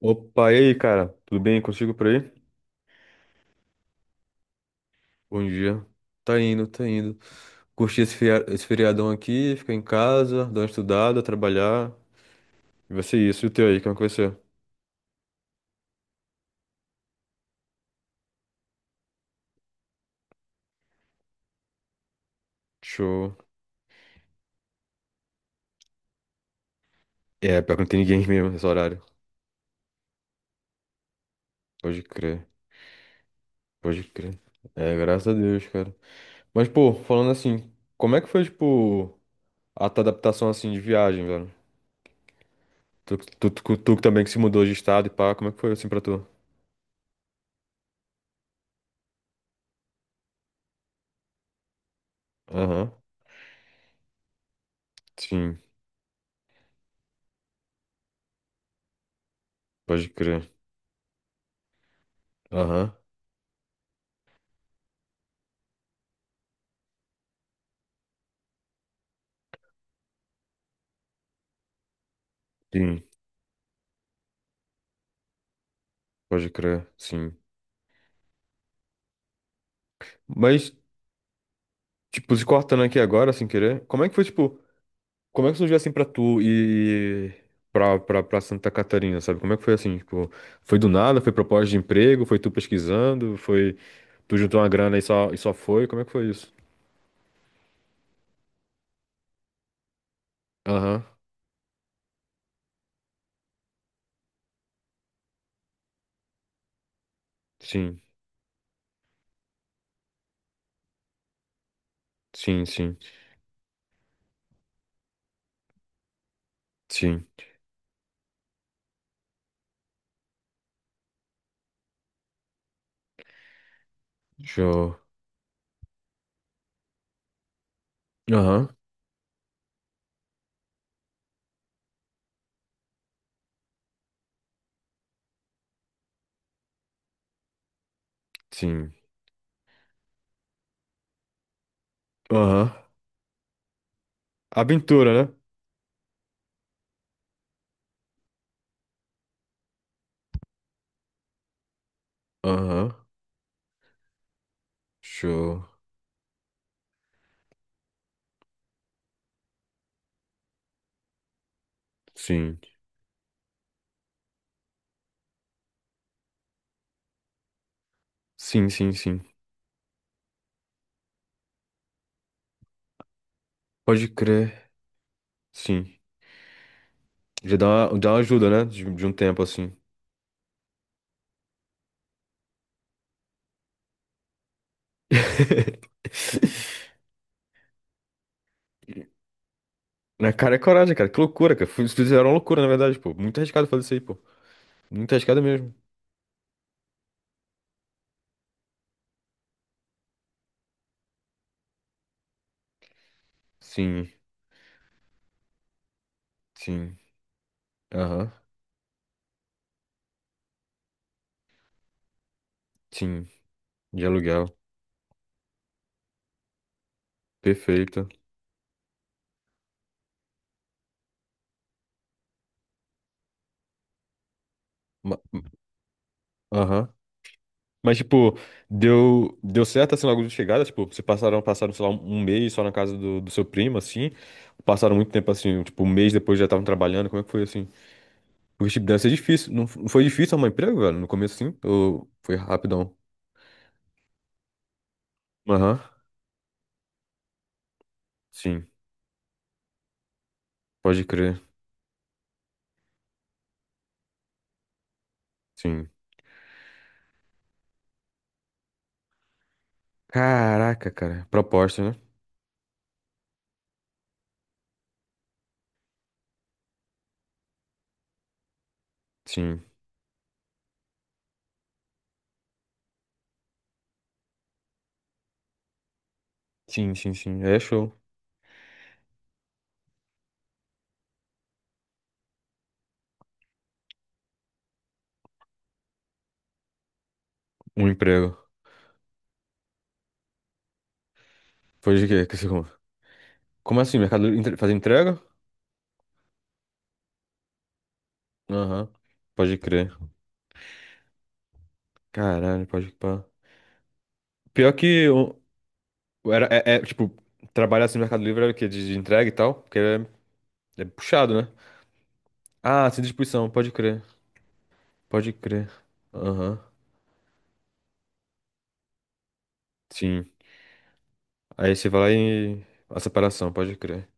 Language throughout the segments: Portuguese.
Opa, e aí, cara? Tudo bem contigo por aí? Bom dia. Tá indo, tá indo. Curti esse feriadão aqui, ficar em casa, dar uma estudada, trabalhar. E vai ser isso. E o teu aí, como é que vai ser? Show. É, pior que não tem ninguém mesmo nesse horário. Pode crer, pode crer. É, graças a Deus, cara. Mas, pô, falando assim, como é que foi, tipo, a tua adaptação, assim, de viagem, velho? Tu que também que se mudou de estado e pá, como é que foi, assim, pra tu? Aham, sim, pode crer. Aham. Pode crer, sim. Mas, tipo, se cortando aqui agora, sem querer, como é que foi, tipo, como é que surgiu assim pra tu e pra Santa Catarina, sabe? Como é que foi assim, tipo, foi do nada, foi proposta de emprego, foi tu pesquisando, foi, tu juntou uma grana e só foi, como é que foi isso? Aham, sim, sim, sim, sim, show. Aham, sim, aham. Aventura, né? Aham, show, sim, sim, sim, sim, pode crer, sim. Já dá uma ajuda, né? De um tempo assim. Na cara é coragem, cara. Que loucura, cara. Fizeram uma loucura, na verdade, pô. Muito arriscado fazer isso aí, pô. Muito arriscado mesmo. Sim, sim. Aham. Sim. De aluguel. Perfeito. Ma- Aham. Mas, tipo, deu certo assim logo de chegada? Tipo, vocês passaram, sei lá, um mês só na casa do seu primo, assim? Passaram muito tempo assim, tipo, um mês depois já estavam trabalhando. Como é que foi assim? Porque, tipo, deve ser difícil. Não foi difícil arrumar emprego, velho? No começo, assim? Ou foi rapidão? Aham, sim, pode crer, sim. Caraca, cara, proposta, né? Sim, sim, sim, sim, aí é show. Um emprego. Foi de quê? Como assim, fazer entrega? Aham, pode crer. Caralho, pode pá. Pior que era, tipo, trabalhar assim no Mercado Livre era o quê? De entrega e tal? Porque é puxado, né? Ah, sem distribuição, pode crer, pode crer. Aham, sim. Aí você vai lá e... A separação, pode crer.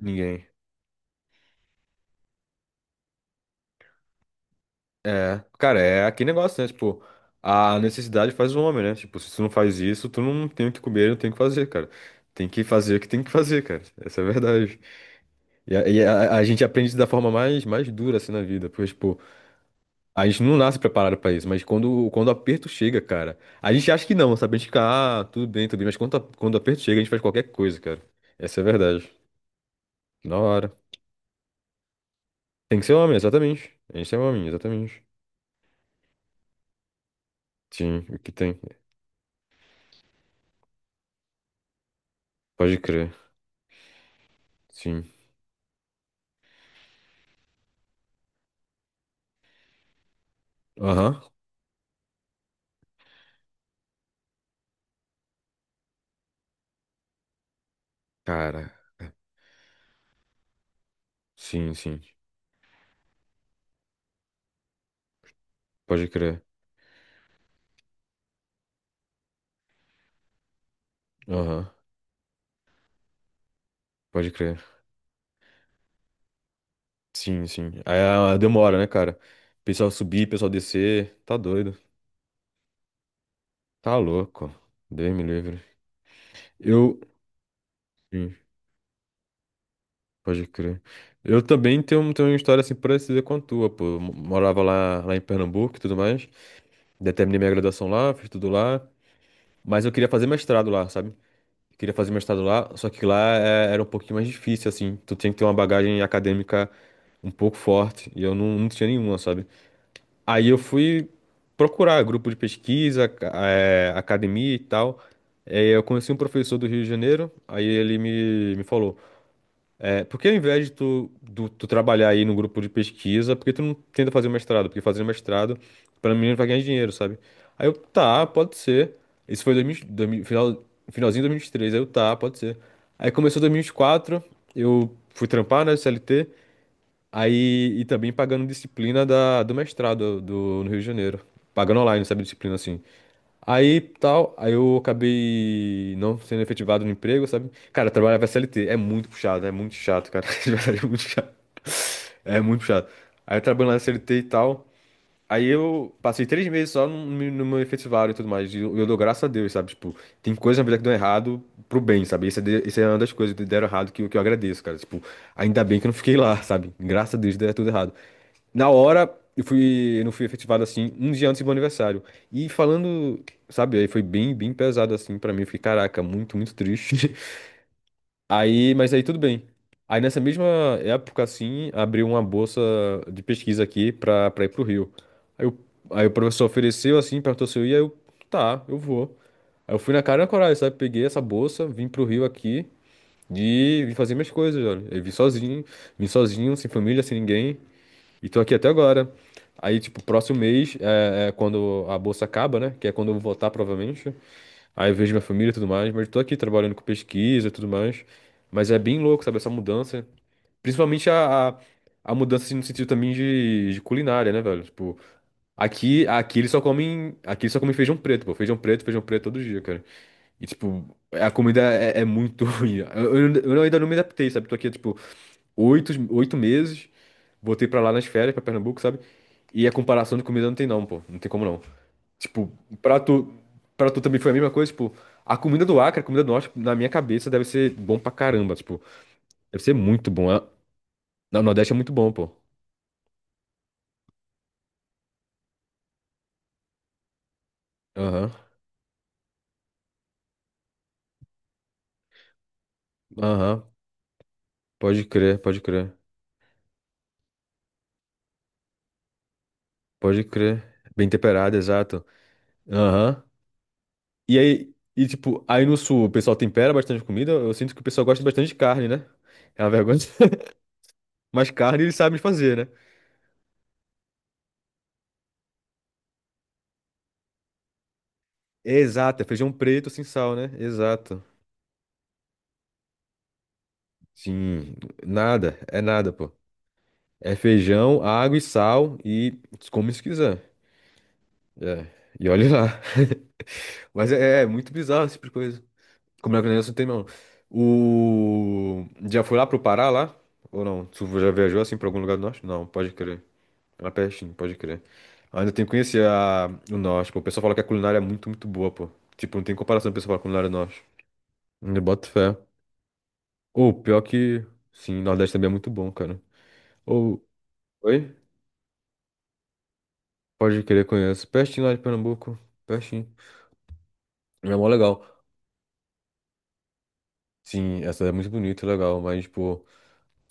Ninguém. É, cara, é aquele negócio, né? Tipo, a necessidade faz o homem, né? Tipo, se tu não faz isso, tu não tem o que comer, não tem o que fazer, cara. Tem que fazer o que tem que fazer, cara. Essa é a verdade. A gente aprende da forma mais dura, assim, na vida. Porque, tipo, a gente não nasce preparado pra isso, mas quando o aperto chega, cara, a gente acha que não, sabe? A gente fica, ah, tudo bem, mas quando o aperto chega, a gente faz qualquer coisa, cara. Essa é a verdade. Na hora. Tem que ser homem, exatamente. A gente é homem, exatamente. Sim, o que tem. Pode crer. Sim. Aham. Cara, sim, sim. Pode crer. Aham, pode crer. Sim, sim. Aí ah, demora, né, cara? Pessoal subir, pessoal descer. Tá doido. Tá louco. Deus me livre. Eu. Sim, pode crer. Eu também tenho, tenho uma história assim parecida com a tua, pô. Morava lá em Pernambuco e tudo mais. Daí terminei minha graduação lá, fiz tudo lá. Mas eu queria fazer mestrado lá, sabe? Eu queria fazer mestrado lá, só que era um pouquinho mais difícil, assim. Tu tinha que ter uma bagagem acadêmica um pouco forte, e eu não, não tinha nenhuma, sabe? Aí eu fui procurar grupo de pesquisa, academia e tal. Aí eu conheci um professor do Rio de Janeiro, aí ele me falou. É, porque ao invés de tu trabalhar aí no grupo de pesquisa, porque tu não tenta fazer o mestrado? Porque fazendo mestrado, para mim, não vai ganhar dinheiro, sabe? Aí eu, tá, pode ser. Isso foi 2000, finalzinho de 2023, aí eu, tá, pode ser. Aí começou 2024, eu fui trampar, né, CLT, aí, e também pagando disciplina do mestrado no Rio de Janeiro. Pagando online, sabe, disciplina assim. Aí, tal, aí eu acabei não sendo efetivado no emprego, sabe? Cara, trabalhar pra CLT é muito puxado, é muito chato, cara. De verdade, é muito chato. É muito puxado. Aí eu trabalhando na CLT e tal. Aí eu passei 3 meses só no meu efetivado e tudo mais. E eu dou graças a Deus, sabe? Tipo, tem coisas na vida que dão errado pro bem, sabe? Isso é uma das coisas que deram errado que, que eu agradeço, cara. Tipo, ainda bem que eu não fiquei lá, sabe? Graças a Deus deu tudo errado. Na hora, eu fui, eu não fui efetivado assim, um dia antes do meu aniversário. E falando, sabe, aí foi bem, bem pesado assim pra mim. Eu fiquei, caraca, muito, muito triste. Aí, mas aí tudo bem. Aí nessa mesma época, assim, abriu uma bolsa de pesquisa aqui pra ir pro Rio. Aí, o aí o professor ofereceu, assim, perguntou se eu ia, eu, tá, eu vou. Aí eu fui na cara e na coragem, sabe? Peguei essa bolsa, vim pro Rio aqui e vim fazer minhas coisas, olha. Eu vim sozinho, sem família, sem ninguém. E tô aqui até agora. Aí, tipo, próximo mês é, é quando a bolsa acaba, né? Que é quando eu vou voltar, provavelmente. Aí eu vejo minha família e tudo mais. Mas eu tô aqui trabalhando com pesquisa e tudo mais. Mas é bem louco, sabe? Essa mudança. Principalmente a mudança assim, no sentido também de culinária, né, velho? Tipo, aqui eles só comem feijão preto, pô. Feijão preto todo dia, cara. E, tipo, a comida é, é muito ruim. Eu ainda não me adaptei, sabe? Tô aqui, há, tipo, 8 meses. Voltei pra lá nas férias, pra Pernambuco, sabe? E a comparação de comida não tem não, pô. Não tem como não. Tipo, pra tu, pra tu também foi a mesma coisa, tipo, a comida do Acre, a comida do Norte, na minha cabeça, deve ser bom pra caramba, tipo, deve ser muito bom. No Nordeste é muito bom, pô. Aham, aham. Pode crer, pode crer. Pode crer. Bem temperado, exato. Aham. E aí, e tipo, aí no Sul o pessoal tempera bastante comida, eu sinto que o pessoal gosta bastante de carne, né? É uma vergonha. Mas carne eles sabem fazer, né? Exato, é feijão preto sem sal, né? Exato. Sim, nada, é nada, pô. É feijão, água e sal e come se quiser. É, e olhe lá. Mas é muito bizarro esse tipo de coisa. Como é que o negócio não tem, não? O... Já foi lá pro Pará, lá? Ou não? Tu já viajou assim pra algum lugar do norte? Não, pode crer. Lá pertinho, pode crer. Ainda tem que conhecer a... o norte, pô. O pessoal fala que a culinária é muito, muito boa, pô. Tipo, não tem comparação com o pessoal que fala culinária do norte. Eu boto fé. Ou pior que. Sim, Nordeste também é muito bom, cara. Ou. Oi? Pode querer conheço. Pertinho lá de Pernambuco. Pertinho. É mó legal. Sim, essa é muito bonita, legal. Mas, pô,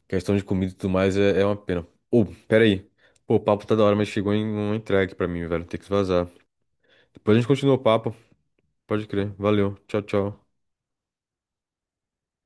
questão de comida e tudo mais é uma pena. Ou, pera aí. Pô, o papo tá da hora, mas chegou em uma entrega pra mim, velho. Tem que vazar. Depois a gente continua o papo. Pode crer. Valeu. Tchau, tchau.